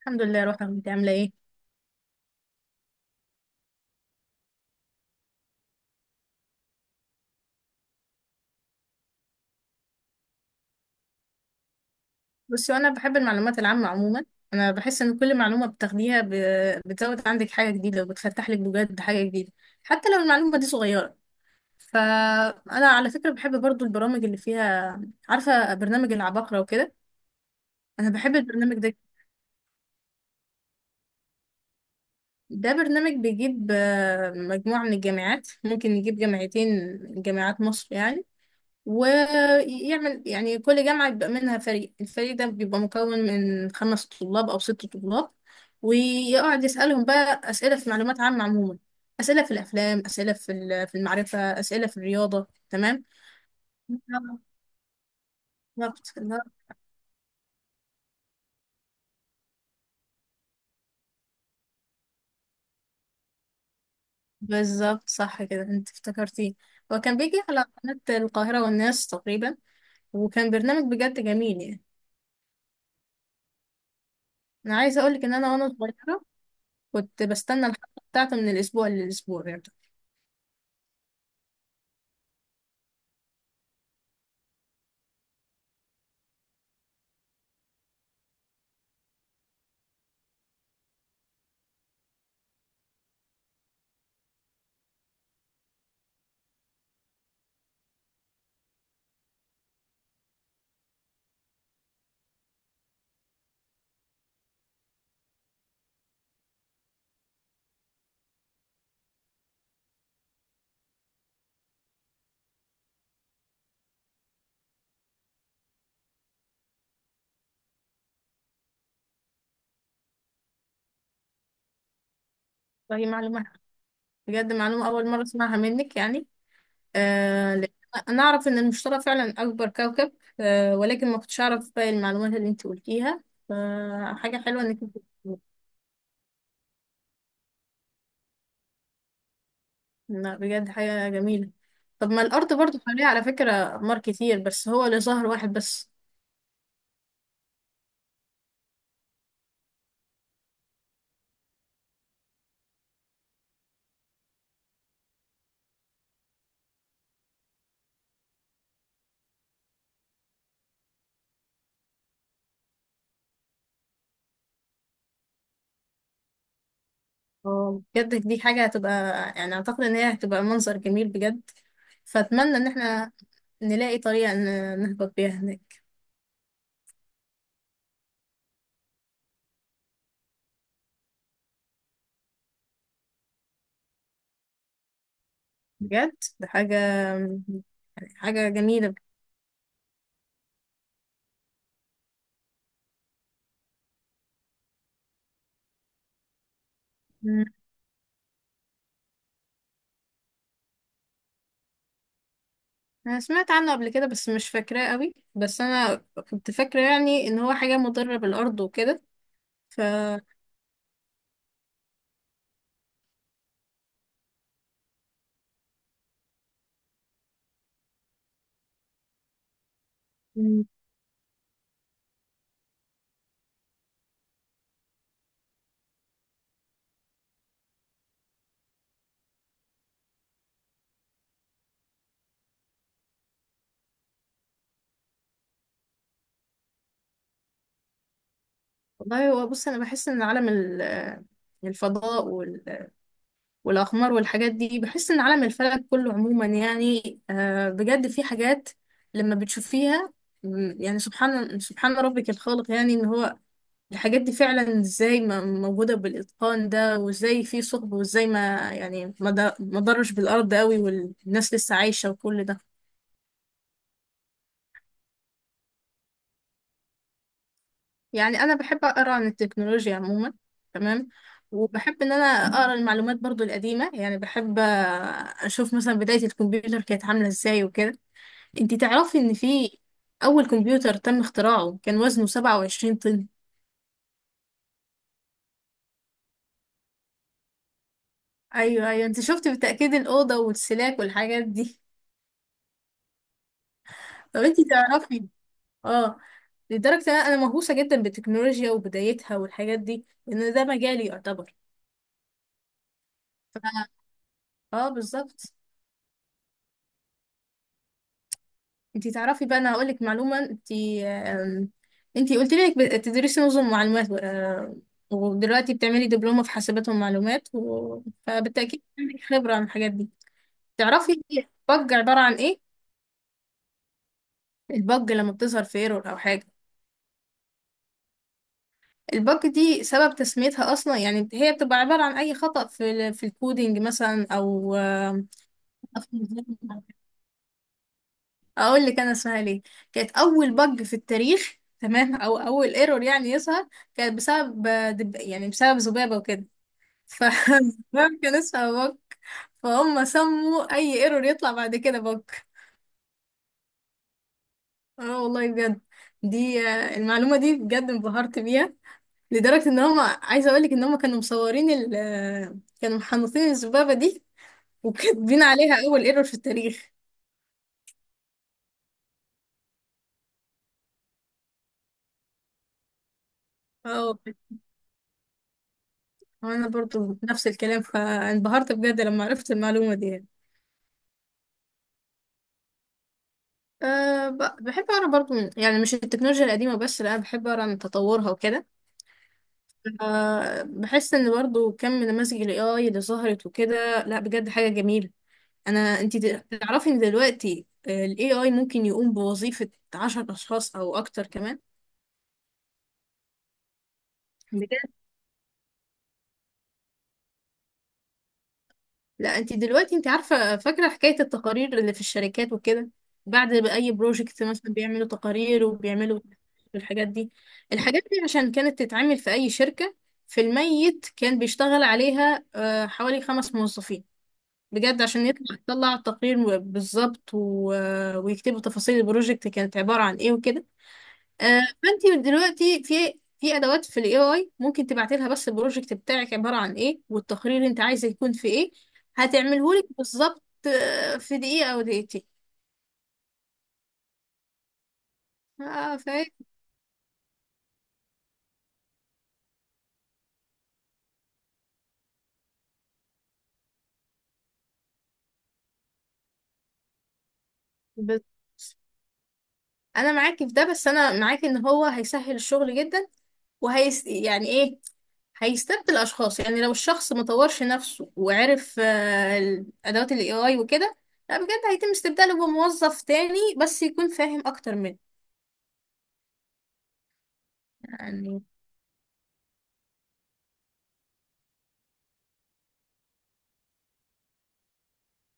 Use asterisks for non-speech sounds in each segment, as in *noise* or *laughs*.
الحمد لله يا روحي، انت عامله ايه؟ بصي، وانا بحب المعلومات العامه عموما. انا بحس ان كل معلومه بتاخديها بتزود عندك حاجه جديده، وبتفتح لك بجد حاجه جديده، حتى لو المعلومه دي صغيره. فانا على فكره بحب برضو البرامج اللي فيها، عارفه برنامج العباقره وكده. انا بحب البرنامج ده. ده برنامج بيجيب مجموعه من الجامعات، ممكن يجيب جامعتين، جامعات مصر يعني. ويعمل يعني كل جامعة بيبقى منها فريق، الفريق ده بيبقى مكون من 5 طلاب أو 6 طلاب، ويقعد يسألهم بقى أسئلة في معلومات عامة عموما. أسئلة في الأفلام، أسئلة في المعرفة، أسئلة في الرياضة، تمام. بالظبط. بالظبط، صح كده، أنت افتكرتيه. هو كان بيجي على قناة القاهرة والناس تقريبا، وكان برنامج بجد جميل يعني. أنا عايزة أقولك إن أنا وأنا صغيرة كنت بستنى الحلقة بتاعته من الأسبوع للأسبوع يعني. فهي معلومات، بجد معلومة أول مرة أسمعها منك يعني. لأن أنا أعرف إن المشتري فعلا أكبر كوكب، ولكن ما كنتش أعرف باقي المعلومات اللي أنت قلتيها، فحاجة حلوة إنك أنت قلتيها. لا، بجد حاجة جميلة. طب ما الأرض برضو حواليها على فكرة أقمار كتير، بس هو اللي ظهر واحد بس. بجد دي حاجة هتبقى، يعني أعتقد إن هي هتبقى منظر جميل بجد. فأتمنى إن إحنا نلاقي طريقة نهبط بيها هناك. بجد ده حاجة، حاجة جميلة. انا سمعت عنه قبل كده، بس مش فاكراه قوي، بس انا كنت فاكره يعني ان هو حاجه مضره بالارض وكده. ف مم. والله، هو بص انا بحس ان عالم الفضاء والاقمار والحاجات دي، بحس ان عالم الفلك كله عموما يعني بجد في حاجات لما بتشوفيها، يعني سبحان ربك الخالق، يعني ان هو الحاجات دي فعلا ازاي موجوده بالاتقان ده، وازاي في ثقب، وازاي ما يعني ما ضرش بالارض قوي والناس لسه عايشه وكل ده. يعني انا بحب اقرا عن التكنولوجيا عموما، تمام. وبحب ان انا اقرا المعلومات برضو القديمه، يعني بحب اشوف مثلا بدايه الكمبيوتر كانت عامله ازاي وكده. انتي تعرفي ان في اول كمبيوتر تم اختراعه كان وزنه 27 طن؟ ايوه، ايوه، انت شفتي بالتاكيد الاوضه والسلاك والحاجات دي. طب انتي تعرفي، اه لدرجه ان انا مهووسه جدا بالتكنولوجيا وبدايتها والحاجات دي، لان ده مجالي يعتبر. ف- اه، بالظبط. انتي تعرفي بقى، انا هقول لك معلومه، انتي انتي قلت لي انك بتدرسي نظم معلومات، ودلوقتي بتعملي دبلومه في حاسبات ومعلومات. فبالتاكيد عندك خبره عن الحاجات دي. تعرفي البج عباره عن ايه؟ البج لما بتظهر في ايرور او حاجه، البج دي سبب تسميتها اصلا، يعني هي بتبقى عباره عن اي خطأ في في الكودينج مثلا او خطأ في النظام. اقول لك انا اسمها ليه. كانت اول بج في التاريخ تمام، او اول ايرور يعني يظهر، كانت بسبب يعني بسبب ذبابه وكده. ف *laughs* الذباب كان اسمها بج، فهم سموا اي ايرور يطلع بعد كده بج. اه والله بجد، دي آه، المعلومه دي بجد انبهرت بيها، لدرجه ان هم عايزه اقول لك ان هم كانوا مصورين ال... آه، كانوا محنطين الذبابه دي وكاتبين عليها اول ايرور في التاريخ. اه والله. وانا برضو نفس الكلام، فانبهرت بجد لما عرفت المعلومه دي يعني. أه، بحب أقرأ برضو يعني مش التكنولوجيا القديمة بس، لا بحب أقرأ عن تطورها وكده. أه، بحس إن برضو كم من نماذج ال AI اللي ظهرت وكده، لا بجد حاجة جميلة. أنتي تعرفي إن دلوقتي ال AI ممكن يقوم بوظيفة 10 أشخاص أو أكتر كمان. لا، انت دلوقتي، انت عارفة فاكرة حكاية التقارير اللي في الشركات وكده، بعد ما اي بروجكت مثلا بيعملوا تقارير وبيعملوا الحاجات دي. الحاجات دي عشان كانت تتعمل في اي شركة في الميت كان بيشتغل عليها حوالي 5 موظفين، بجد، عشان يطلع التقرير بالظبط ويكتبوا تفاصيل البروجكت كانت عبارة عن ايه وكده. فانت دلوقتي في ادوات في الاي اي، ممكن تبعتي لها بس البروجكت بتاعك عباره عن ايه والتقرير اللي انت عايزه يكون في ايه، هتعمله لك بالظبط في دقيقه او دقيقتين. اه، فاهم. بس انا معاكي في ده، بس انا معاكي ان هو هيسهل الشغل جدا، يعني ايه، هيستبدل الاشخاص. يعني لو الشخص ما طورش نفسه وعرف الادوات الاي اي وكده، لا بجد هيتم استبداله بموظف تاني بس يكون فاهم اكتر منه. يعني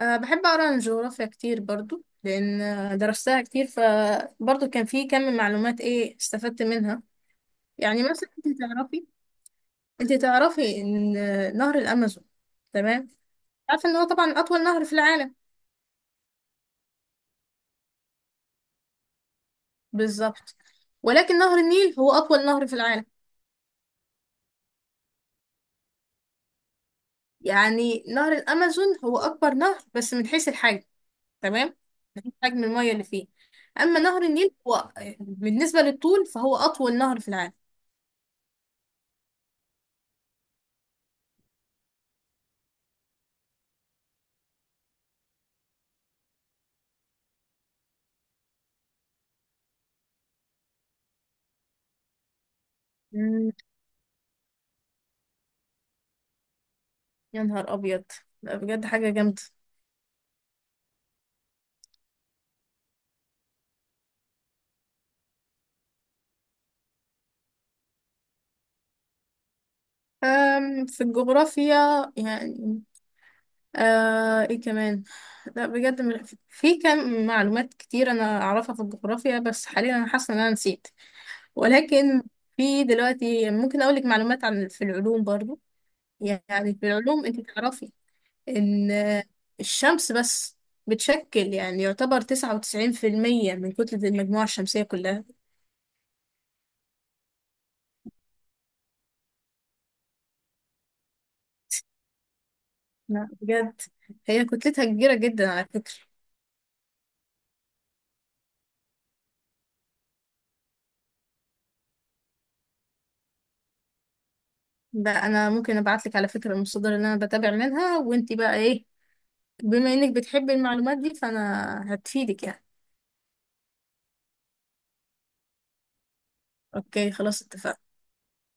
أه، بحب أقرأ عن الجغرافيا كتير برضو، لأن درستها كتير، فبرضو كان في كم من معلومات إيه استفدت منها. يعني مثلا أنت تعرفي، أنت تعرفي إن نهر الأمازون، تمام، عارفة إن هو طبعا أطول نهر في العالم. بالظبط، ولكن نهر النيل هو أطول نهر في العالم. يعني نهر الأمازون هو أكبر نهر، بس من حيث الحجم، تمام، من حيث حجم المية اللي فيه. أما نهر النيل هو بالنسبة للطول فهو أطول نهر في العالم. مم، يا نهار أبيض، لا بجد حاجة جامدة. في الجغرافيا، يعني ايه كمان، لا بجد في كم معلومات كتير انا اعرفها في الجغرافيا، بس حاليا انا حاسه ان انا نسيت. ولكن في دلوقتي ممكن اقول لك معلومات عن في العلوم برضو. يعني في العلوم انت تعرفي ان الشمس بس بتشكل يعني يعتبر 99% من كتلة المجموعة الشمسية كلها. لا بجد، هي كتلتها كبيرة جدا على فكرة. ده انا ممكن ابعت لك على فكره المصادر اللي انا بتابع منها، وانتي بقى ايه بما انك بتحبي المعلومات دي فانا هتفيدك يعني. اوكي خلاص، اتفقنا.